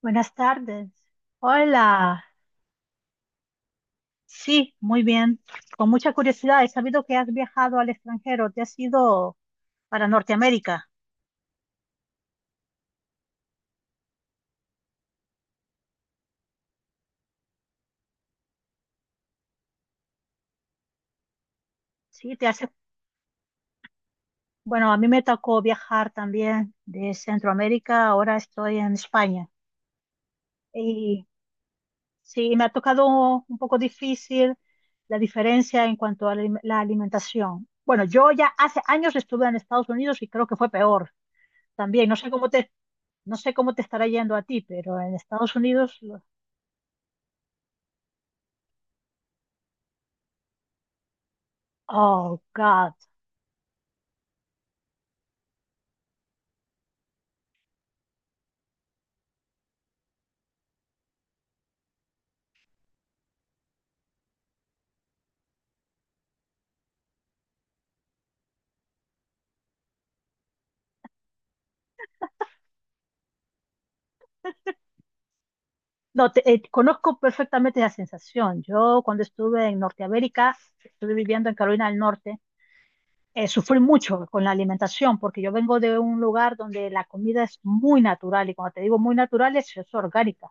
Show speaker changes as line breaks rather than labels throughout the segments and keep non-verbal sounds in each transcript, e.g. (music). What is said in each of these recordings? Buenas tardes. Hola. Sí, muy bien. Con mucha curiosidad, he sabido que has viajado al extranjero. Te has ido para Norteamérica. Sí, te hace. Bueno, a mí me tocó viajar también de Centroamérica. Ahora estoy en España. Y sí, me ha tocado un poco difícil la diferencia en cuanto a la la alimentación. Bueno, yo ya hace años estuve en Estados Unidos y creo que fue peor también. No sé cómo te estará yendo a ti, pero en Estados Unidos. Oh, God. No, conozco perfectamente esa sensación. Yo cuando estuve en Norteamérica, estuve viviendo en Carolina del Norte, sufrí mucho con la alimentación porque yo vengo de un lugar donde la comida es muy natural y cuando te digo muy natural es orgánica.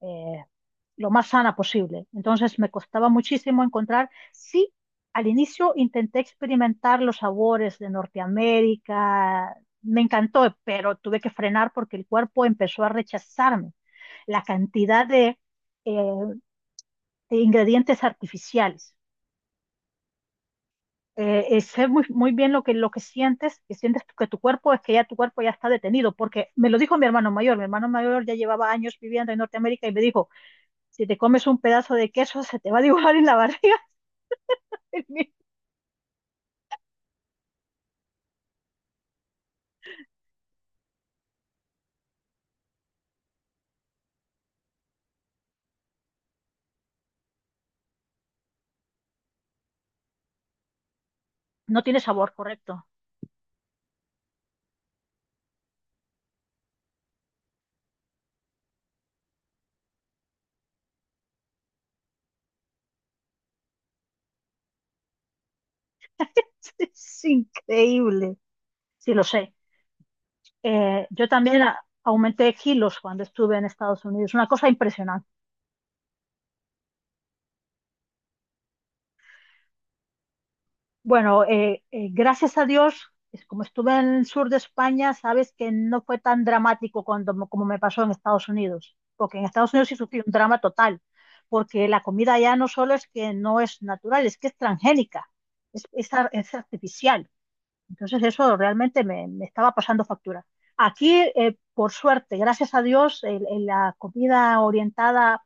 Eh, lo más sana posible. Entonces me costaba muchísimo encontrar, sí, al inicio intenté experimentar los sabores de Norteamérica, me encantó, pero tuve que frenar porque el cuerpo empezó a rechazarme la cantidad eh, de ingredientes artificiales. Sé muy, muy bien lo que sientes, que sientes que tu cuerpo es que ya tu cuerpo ya está detenido, porque me lo dijo mi hermano mayor ya llevaba años viviendo en Norteamérica y me dijo, si te comes un pedazo de queso, se te va a dibujar en la barriga. (laughs) No tiene sabor, correcto. (laughs) Es increíble. Sí, lo sé. Yo también aumenté kilos cuando estuve en Estados Unidos. Una cosa impresionante. Bueno, gracias a Dios, es como estuve en el sur de España, sabes que no fue tan dramático cuando, como me pasó en Estados Unidos. Porque en Estados Unidos sí sufrí un drama total. Porque la comida ya no solo es que no es natural, es que es transgénica. Es artificial. Entonces eso realmente me, me estaba pasando factura. Aquí, por suerte, gracias a Dios, la comida orientada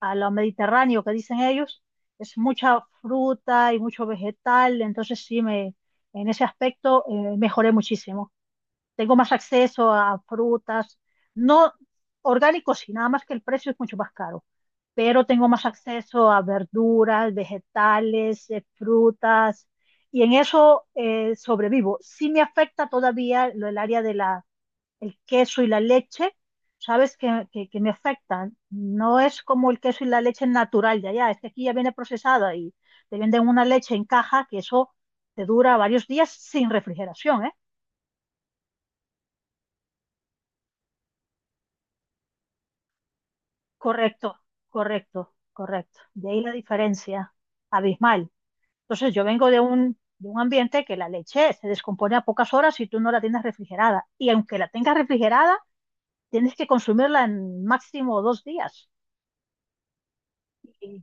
a lo mediterráneo que dicen ellos, es mucha fruta y mucho vegetal, entonces sí, me, en ese aspecto mejoré muchísimo, tengo más acceso a frutas, no orgánicos, y nada más que el precio es mucho más caro, pero tengo más acceso a verduras, vegetales, frutas, y en eso sobrevivo. Sí me afecta todavía lo del área de la, el queso y la leche, sabes que me afectan. No es como el queso y la leche natural de allá, es que aquí ya viene procesada y te venden una leche en caja que eso te dura varios días sin refrigeración, ¿eh? Correcto, correcto, correcto. De ahí la diferencia abismal. Entonces yo vengo de un ambiente que la leche se descompone a pocas horas si tú no la tienes refrigerada. Y aunque la tengas refrigerada, tienes que consumirla en máximo dos días. Y,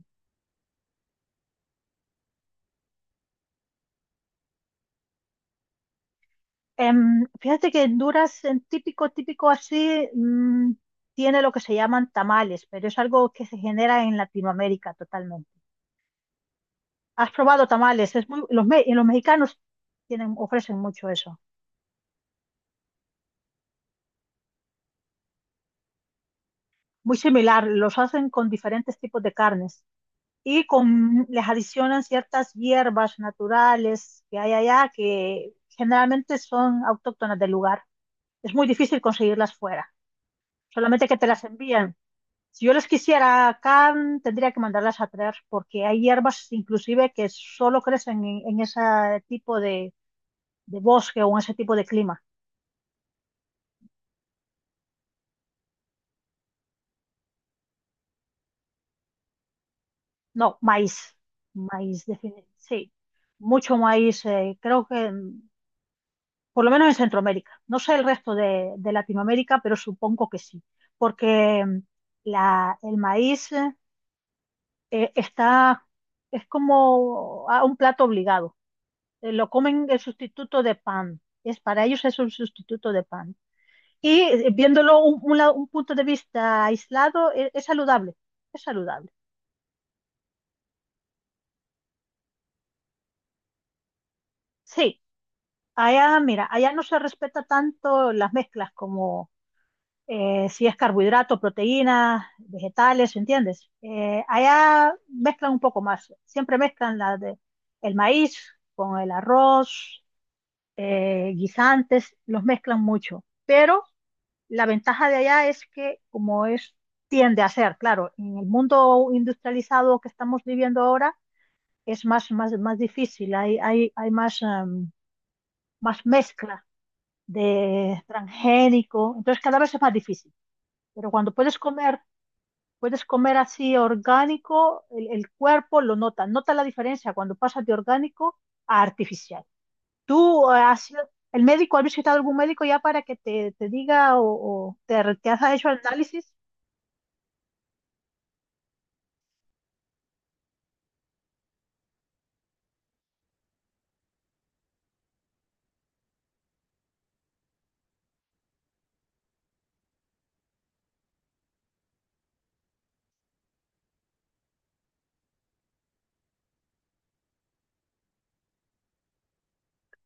fíjate que Honduras, en típico, típico así, tiene lo que se llaman tamales, pero es algo que se genera en Latinoamérica totalmente. ¿Has probado tamales? Es muy, los, y los mexicanos tienen, ofrecen mucho eso. Muy similar, los hacen con diferentes tipos de carnes y con, les adicionan ciertas hierbas naturales que hay allá que generalmente son autóctonas del lugar. Es muy difícil conseguirlas fuera, solamente que te las envían. Si yo las quisiera acá, tendría que mandarlas a traer porque hay hierbas inclusive que solo crecen en ese tipo de bosque o en ese tipo de clima. No, maíz, maíz, sí, mucho maíz. Creo que por lo menos en Centroamérica. No sé el resto de Latinoamérica, pero supongo que sí, porque la, el maíz está, es como a un plato obligado. Lo comen el sustituto de pan. Es, para ellos es un sustituto de pan. Y viéndolo un un punto de vista aislado, es saludable, es saludable. Sí, allá, mira, allá no se respeta tanto las mezclas como si es carbohidrato, proteínas, vegetales, ¿entiendes? Allá mezclan un poco más, siempre mezclan la de, el maíz con el arroz, guisantes, los mezclan mucho, pero la ventaja de allá es que como es, tiende a ser, claro, en el mundo industrializado que estamos viviendo ahora, es más, más, más difícil, hay más, más mezcla de transgénico, entonces cada vez es más difícil. Pero cuando puedes comer, puedes comer así orgánico, el cuerpo lo nota, nota la diferencia cuando pasas de orgánico a artificial. ¿Tú has el médico, has visitado algún médico ya para que te diga o te, te has hecho el análisis?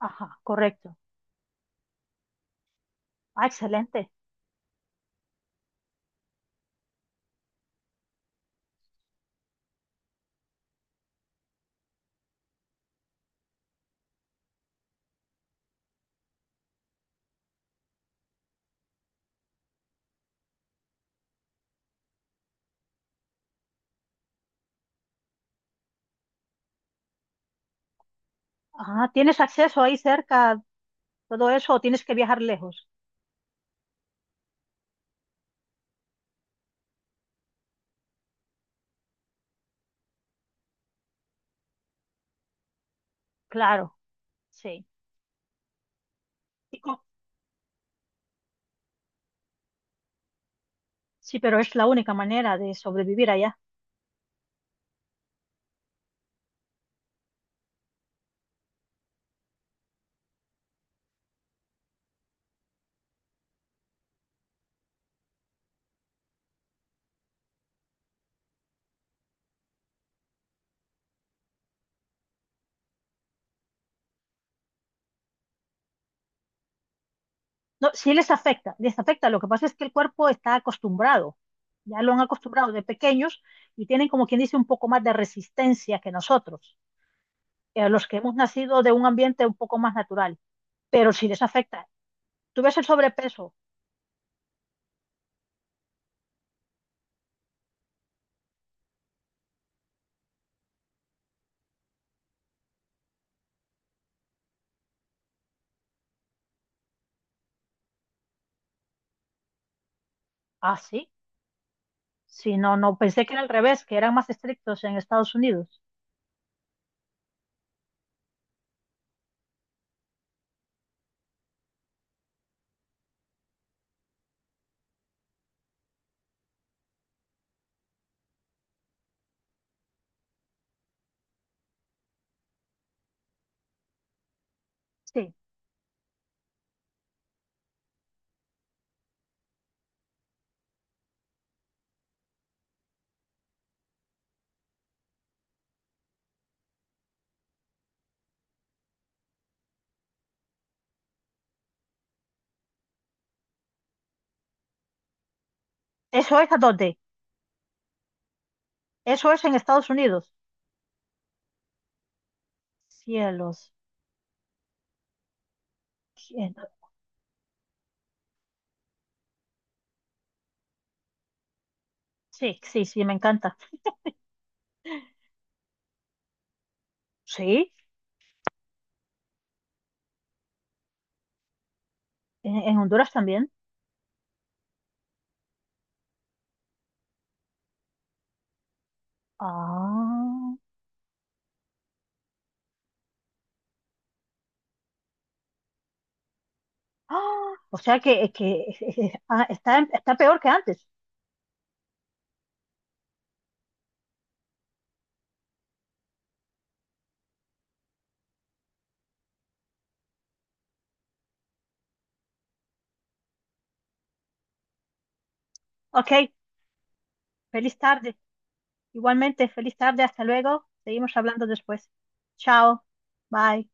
Ajá, correcto. Ah, excelente. Ajá, ¿tienes acceso ahí cerca, todo eso, o tienes que viajar lejos? Claro, sí. Y sí, pero es la única manera de sobrevivir allá. No, sí les afecta, les afecta. Lo que pasa es que el cuerpo está acostumbrado, ya lo han acostumbrado de pequeños y tienen como quien dice un poco más de resistencia que nosotros, los que hemos nacido de un ambiente un poco más natural. Pero sí les afecta. ¿Tú ves el sobrepeso? Ah, sí. Sí, no, no, pensé que era al revés, que eran más estrictos en Estados Unidos. Sí, eso es a dónde. Eso es en Estados Unidos. Cielos. Sí, sí, sí, me encanta. Sí, en Honduras también. Ah. (gasps) ¡Ah! O sea que ah, está, está peor que antes. Ok, feliz tarde. Igualmente, feliz tarde. Hasta luego. Seguimos hablando después. Chao. Bye.